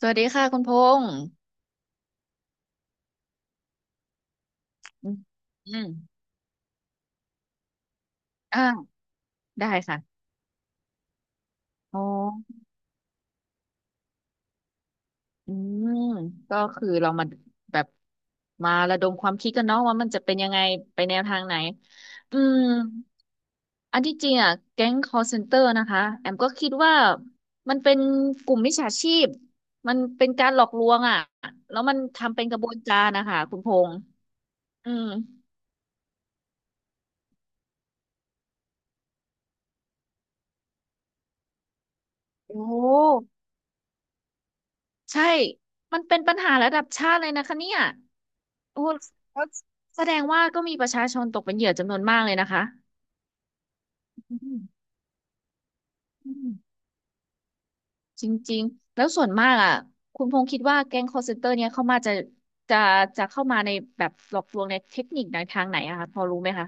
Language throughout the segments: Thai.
สวัสดีค่ะคุณพงษ์อืมอืม่าได้ค่ะอ๋ออืมก็คือเรามาแบบมาระดมความคิดกันเนาะว่ามันจะเป็นยังไงไปแนวทางไหน อืม อันที่จริงอ่ะแก๊ง call center นะคะแอมก็คิดว่ามันเป็นกลุ่มมิจฉาชีพ มันเป็นการหลอกลวงอ่ะ แล้วมันทำเป็นกระบวนการนะคะคุณพงษ์อืม โอ้ ใช่ มันเป็นปัญหาระดับชาติเลยนะคะเนี่ยโอ้แสดงว่าก็มีประชาชนตกเป็นเหยื่อจำนวนมากเลยนะคะอืมอืมจริงๆแล้วส่วนมากอ่ะคุณพงษ์คิดว่าแก๊ง call center เนี่ยเข้ามาจะ จะเข้ามาในแบบหลอกลวงในเทคนิคในทางไหนอะคะพอรู้ไหมคะ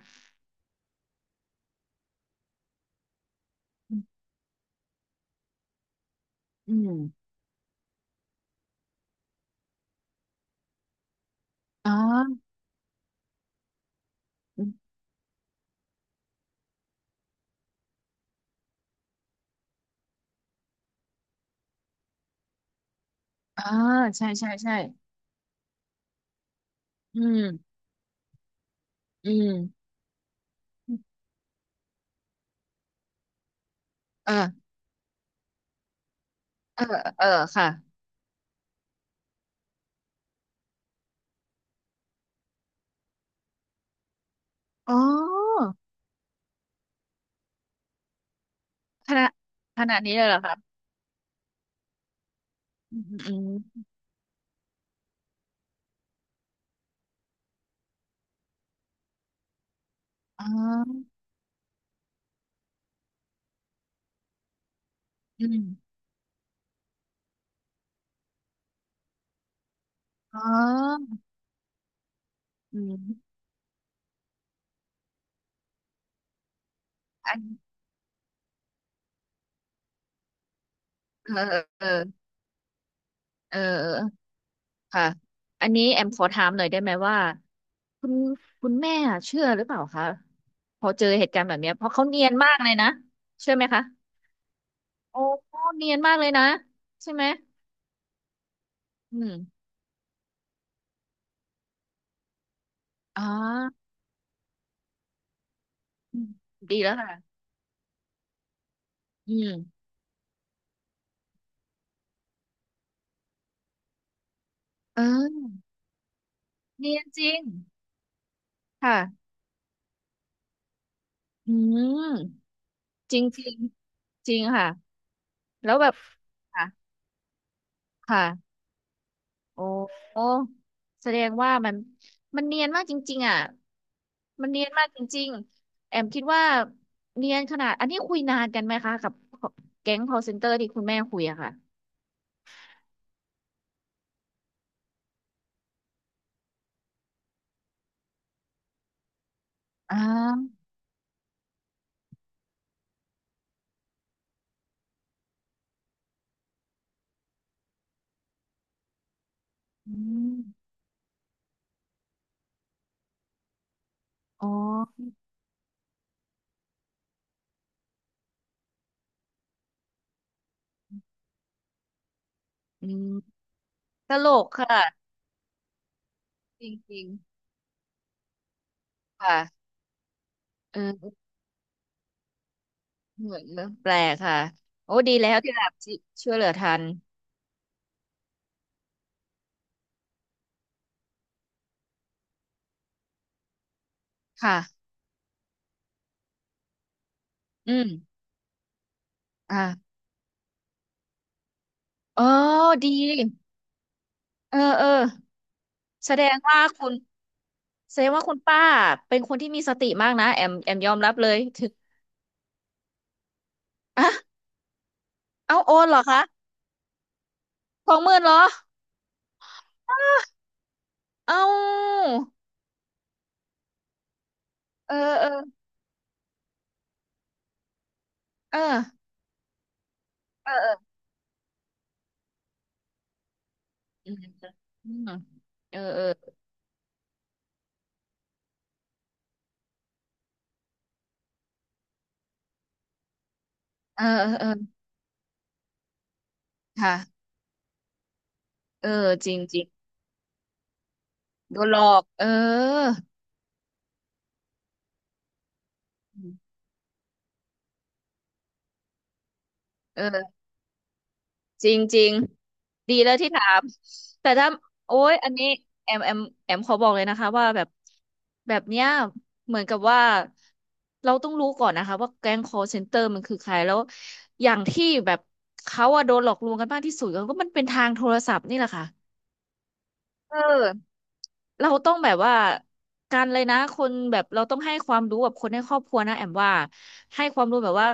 อืมอมอ๋ออืมอ่าใช่ใช่ใช่อืมอืมเออเออเออค่ะอ๋อขนาดขนาดนี้เลยเหรอคะอืมอืม อ๋ออืมอ๋ออืมอันเออเออเออเออค่ะ อันนี้แอมขอถามหน่อยได้ไหมว่าคุณคุณแม่เชื่อหรือเปล่าคะพอเจอเหตุการณ์แบบเนี้ยเพราะเขาเนียนมากเลยนะเชื่อไหมคะโอ้เนียนมากเลยนะใช่ไหมอืมอ๋ออืมดีแล้วค่ะอืมเออเนียนจริงค่ะอืมจริงจริงจริงค่ะแล้วแบบค่ะค่ะ โอ้โอ้แสดงว่ามันเนียนมากจริงๆอ่ะมันเนียนมากจริงๆ แอมคิดว่าเนียนขนาด อันนี้คุยนานกันไหมคะกับแก๊ง call center ที่คุณแม่คุยอะค่ะอ่าอืมอ๋ออืมตลกค่ะจริงๆค่ะเออเหมือนเรื่องแปลกค่ะโอ้ดีแล้วที่แบบที่ช่วยเหลือทันค่ะอืมอ่าอ๋อดีเออเออแสดงว่าคุณ แสดงว่าคุณป้าเป็นคนที่มีสติมากนะแอมยอมรับเลยถึงอ่ะเอาโอนเหรอคะสองหมื่นเหรอเอาเออเออเออเออเอออืมอืมเออเออเออเออเออค่ะเออจริงจริงโดนหลอกเออเออ จริงจริงดีแล้วที่ถามแต่ถ้าโอ้ยอันนี้แอมแอมแอมขอบอกเลยนะคะว่าแบบแบบเนี้ยเหมือนกับว่าเราต้องรู้ก่อนนะคะว่าแก๊ง call center มันคือใครแล้วอย่างที่แบบเขาอะโดนหลอกลวงกันมากที่สุดก็มันเป็นทางโทรศัพท์นี่แหละค่ะเออ เราต้องแบบว่าการเลยนะคนแบบเราต้องให้ความรู้กับคนในครอบครัวนะแอมว่าให้ความรู้แบบว่า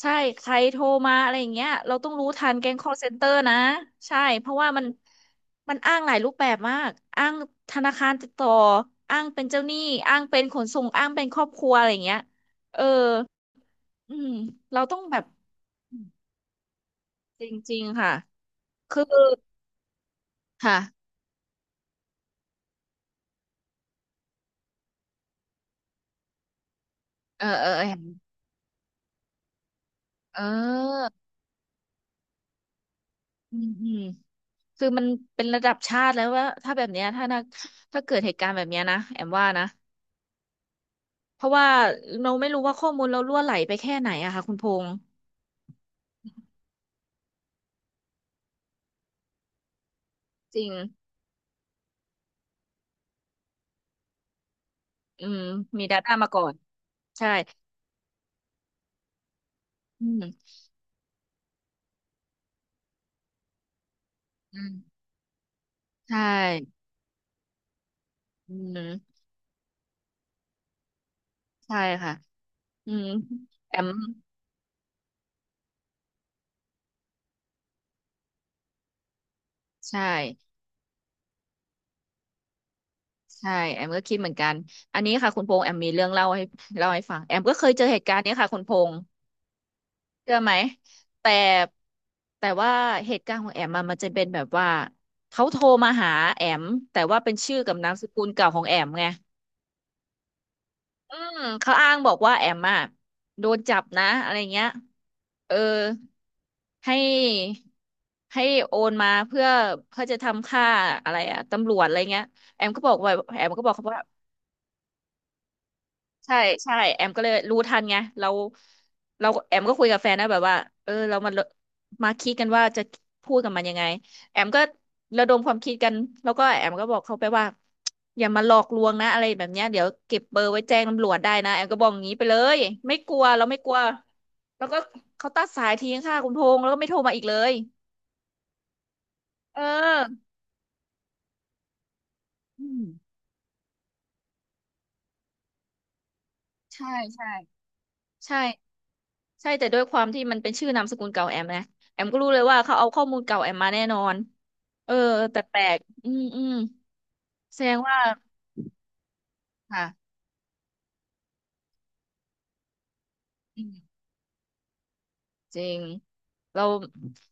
ใช่ใครโทรมาอะไรอย่างเงี้ยเราต้องรู้ทันแก๊ง call center นะใช่เพราะว่ามันอ้างหลายรูปแบบมากอ้างธนาคารติดต่ออ้างเป็นเจ้าหนี้อ้างเป็นขนส่งอ้างเป็นครอบครัวอะไรอย่างเงี้ยเอออืมเราต้องแบบจริงๆค่ะคือค่ะเออเออเห็นเอออืมอืม คือมันเป็นระดับชาติแล้วว่าถ้าแบบเนี้ยถ้านะถ้าเกิดเหตุการณ์แบบเนี้ยนะแอมว่านะเพราะว่าเราไม่รู้ว่าข้อมูลเรารั่วไหลไปแค่ไหนอะค่ะคุณพงษ์จริงอืมมี Data มาก่อนใช่อืมอืมใช่อืมใช่ค่ะอืมแอมใช่ใช่แอมก็คิดเหมือนกันอันนี้ค่ะคุณพงษ์แอมมีเรื่องเล่าให้เล่าให้ฟังแอมก็เคยเจอเหตุการณ์เนี้ยค่ะคุณพงษ์ เชื่อไหมแต่แต่ว่าเหตุการณ์ของแอมอะมันจะเป็นแบบว่าเขาโทรมาหาแอมแต่ว่าเป็นชื่อกับนามสกุลเก่าของแอมไงอืมเขาอ้างบอกว่าแอมอะโดนจับนะอะไรเงี้ยเออให้ให้โอนมาเพื่อจะทำค่าอะไรอะตำรวจอะไรเงี้ยแอมก็บอกว่าแอมก็บอกเขาว่า ใช่ใช่แอมก็เลยรู้ทันไงเราแอมก็คุยกับแฟนนะแบบว่าเออเรามาคิดกันว่าจะพูดกับมันยังไงแอมก็ระดมความคิดกันแล้วก็แอมก็บอกเขาไปว่าอย่ามาหลอกลวงนะอะไรแบบเนี้ยเดี๋ยวเก็บเบอร์ไว้แจ้งตำรวจได้นะแอมก็บอกอย่างนี้ไปเลยไม่กลัวเราไม่กลัวแล้วก็เขาตัดสายทิ้งค่ะคุณพงษ์แล้วก็ไม่โทรมาอีกเลยเอออืมใช่ใช่ใช่ ใช่แต่ด้วยความที่มันเป็นชื่อนามสกุลเก่าแอมนะแอมก็รู้เลยว่าเขาเอาข้อมูลเก่าแอมมาแน่นอนเออแปลกๆอืมอืมแสดงว่าค่ะอืมจริงเรา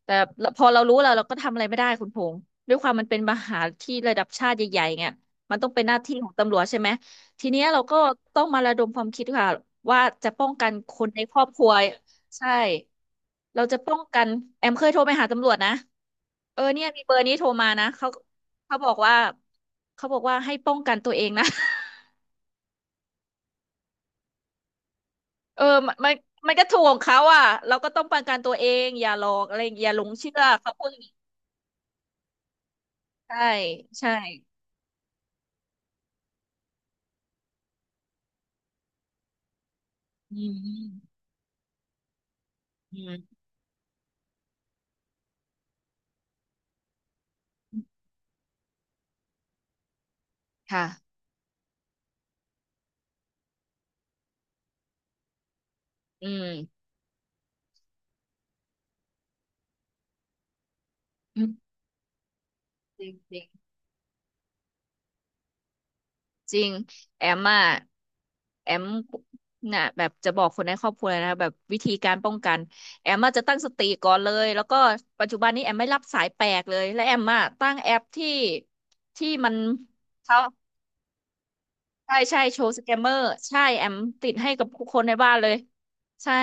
แต่พอเรารู้แล้วเราก็ทำอะไรไม่ได้คุณพงษ์ด้วยความมันเป็นมหาที่ระดับชาติใหญ่ๆเนี่ยมันต้องเป็นหน้าที่ของตำรวจใช่ไหมทีเนี้ยเราก็ต้องมาระดมความคิดค่ะว่าจะป้องกันคนในครอบครัวใช่เราจะป้องกันแอมเคยโทรไปหาตำรวจนะ เออเนี่ยมีเบอร์นี้โทรมานะเขาเขาบอกว่าเขาบอกว่าให้ป้องกันตัวเองนะ เออมันมันมันก็ถูกของเขาอ่ะเราก็ต้องป้องกันตัวเองอย่าหลอกอะไรอย่าหลงเชื่อเขาพูดอย่างนี้ใช่ใช่อืมอืมอืมค่ะอืมอืมจริงจริง จริงแอมอ่ะแอมน่ะแบบจะบอกคนในครอบครัวเลยนะแบบวิธีการป้องกันแอมอ่ะจะตั้งสติก่อนเลยแล้วก็ปัจจุบันนี้แอมไม่รับสายแปลกเลยและแอมอ่ะตั้งแอปที่ที่มันเขาใช่ใช่โชว์สแกมเมอร์ใช่แอมติดให้กับทุกคนในบ้านเลยใช่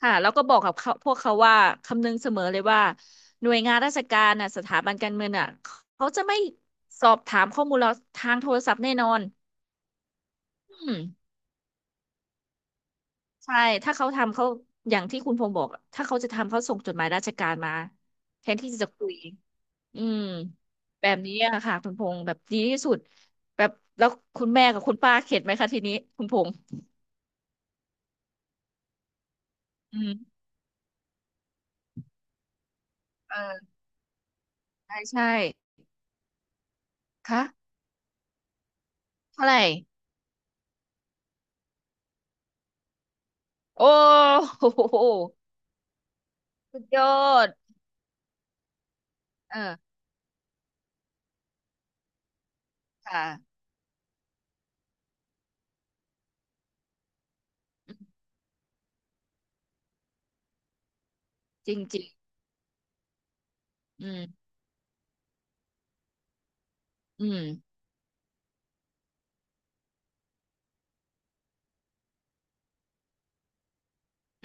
ค่ะแล้วก็บอกกับเขาพวกเขาว่าคำนึงเสมอเลยว่าหน่วยงานราชการน่ะสถาบันการเงินน่ะเขาจะไม่สอบถามข้อมูลเราทางโทรศัพท์แน่นอนอืม ใช่ถ้าเขาทำเขาอย่างที่คุณพงษ์บอกอะถ้าเขาจะทำเขาส่งจดหมายราชการมาแทนที่จะคุยอืมแบบนี้อะค่ะคุณพงษ์แบบดีที่สุดแบบแล้วคุณแม่กับคุณป้าเข็ดไหมคะทีนี้คุณพงษ์อืมเออใช่ใช่คะเท่าไหร่โอ้โหสุดยอดเออค่ะจริงจริงอืมอืม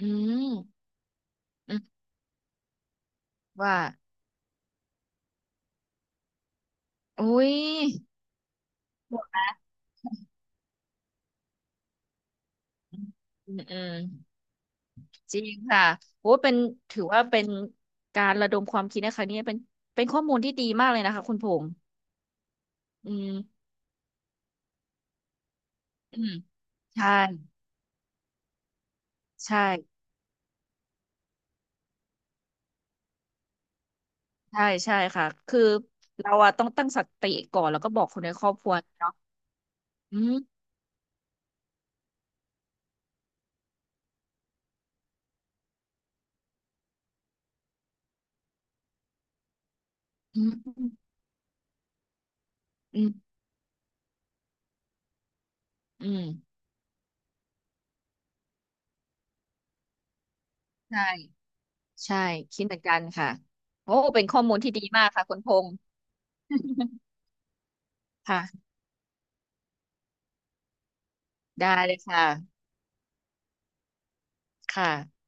อืมอืมว่าอุ้ยอืมอืม จริงค่ะโอ้เป็นถือว่าเป็นการระดมความคิดนะคะเนี่ยเป็นข้อมูลที่ดีมากเลยนะคะคุณพงษ์อืม อืมใช่ใช่ใช่ใช่ค่ะคือเราอะต้องตั้งสติก่อนแล้วก็บอกคนในครอบครัวเนาะอืมอืมอืมอืมใช่ใช่คิดเหมือนกันค่ะโอ้เป็นข้อมูลที่ดีมากค่ะคุณพงษ์ ค่ะได้เลยค่ะค่ะ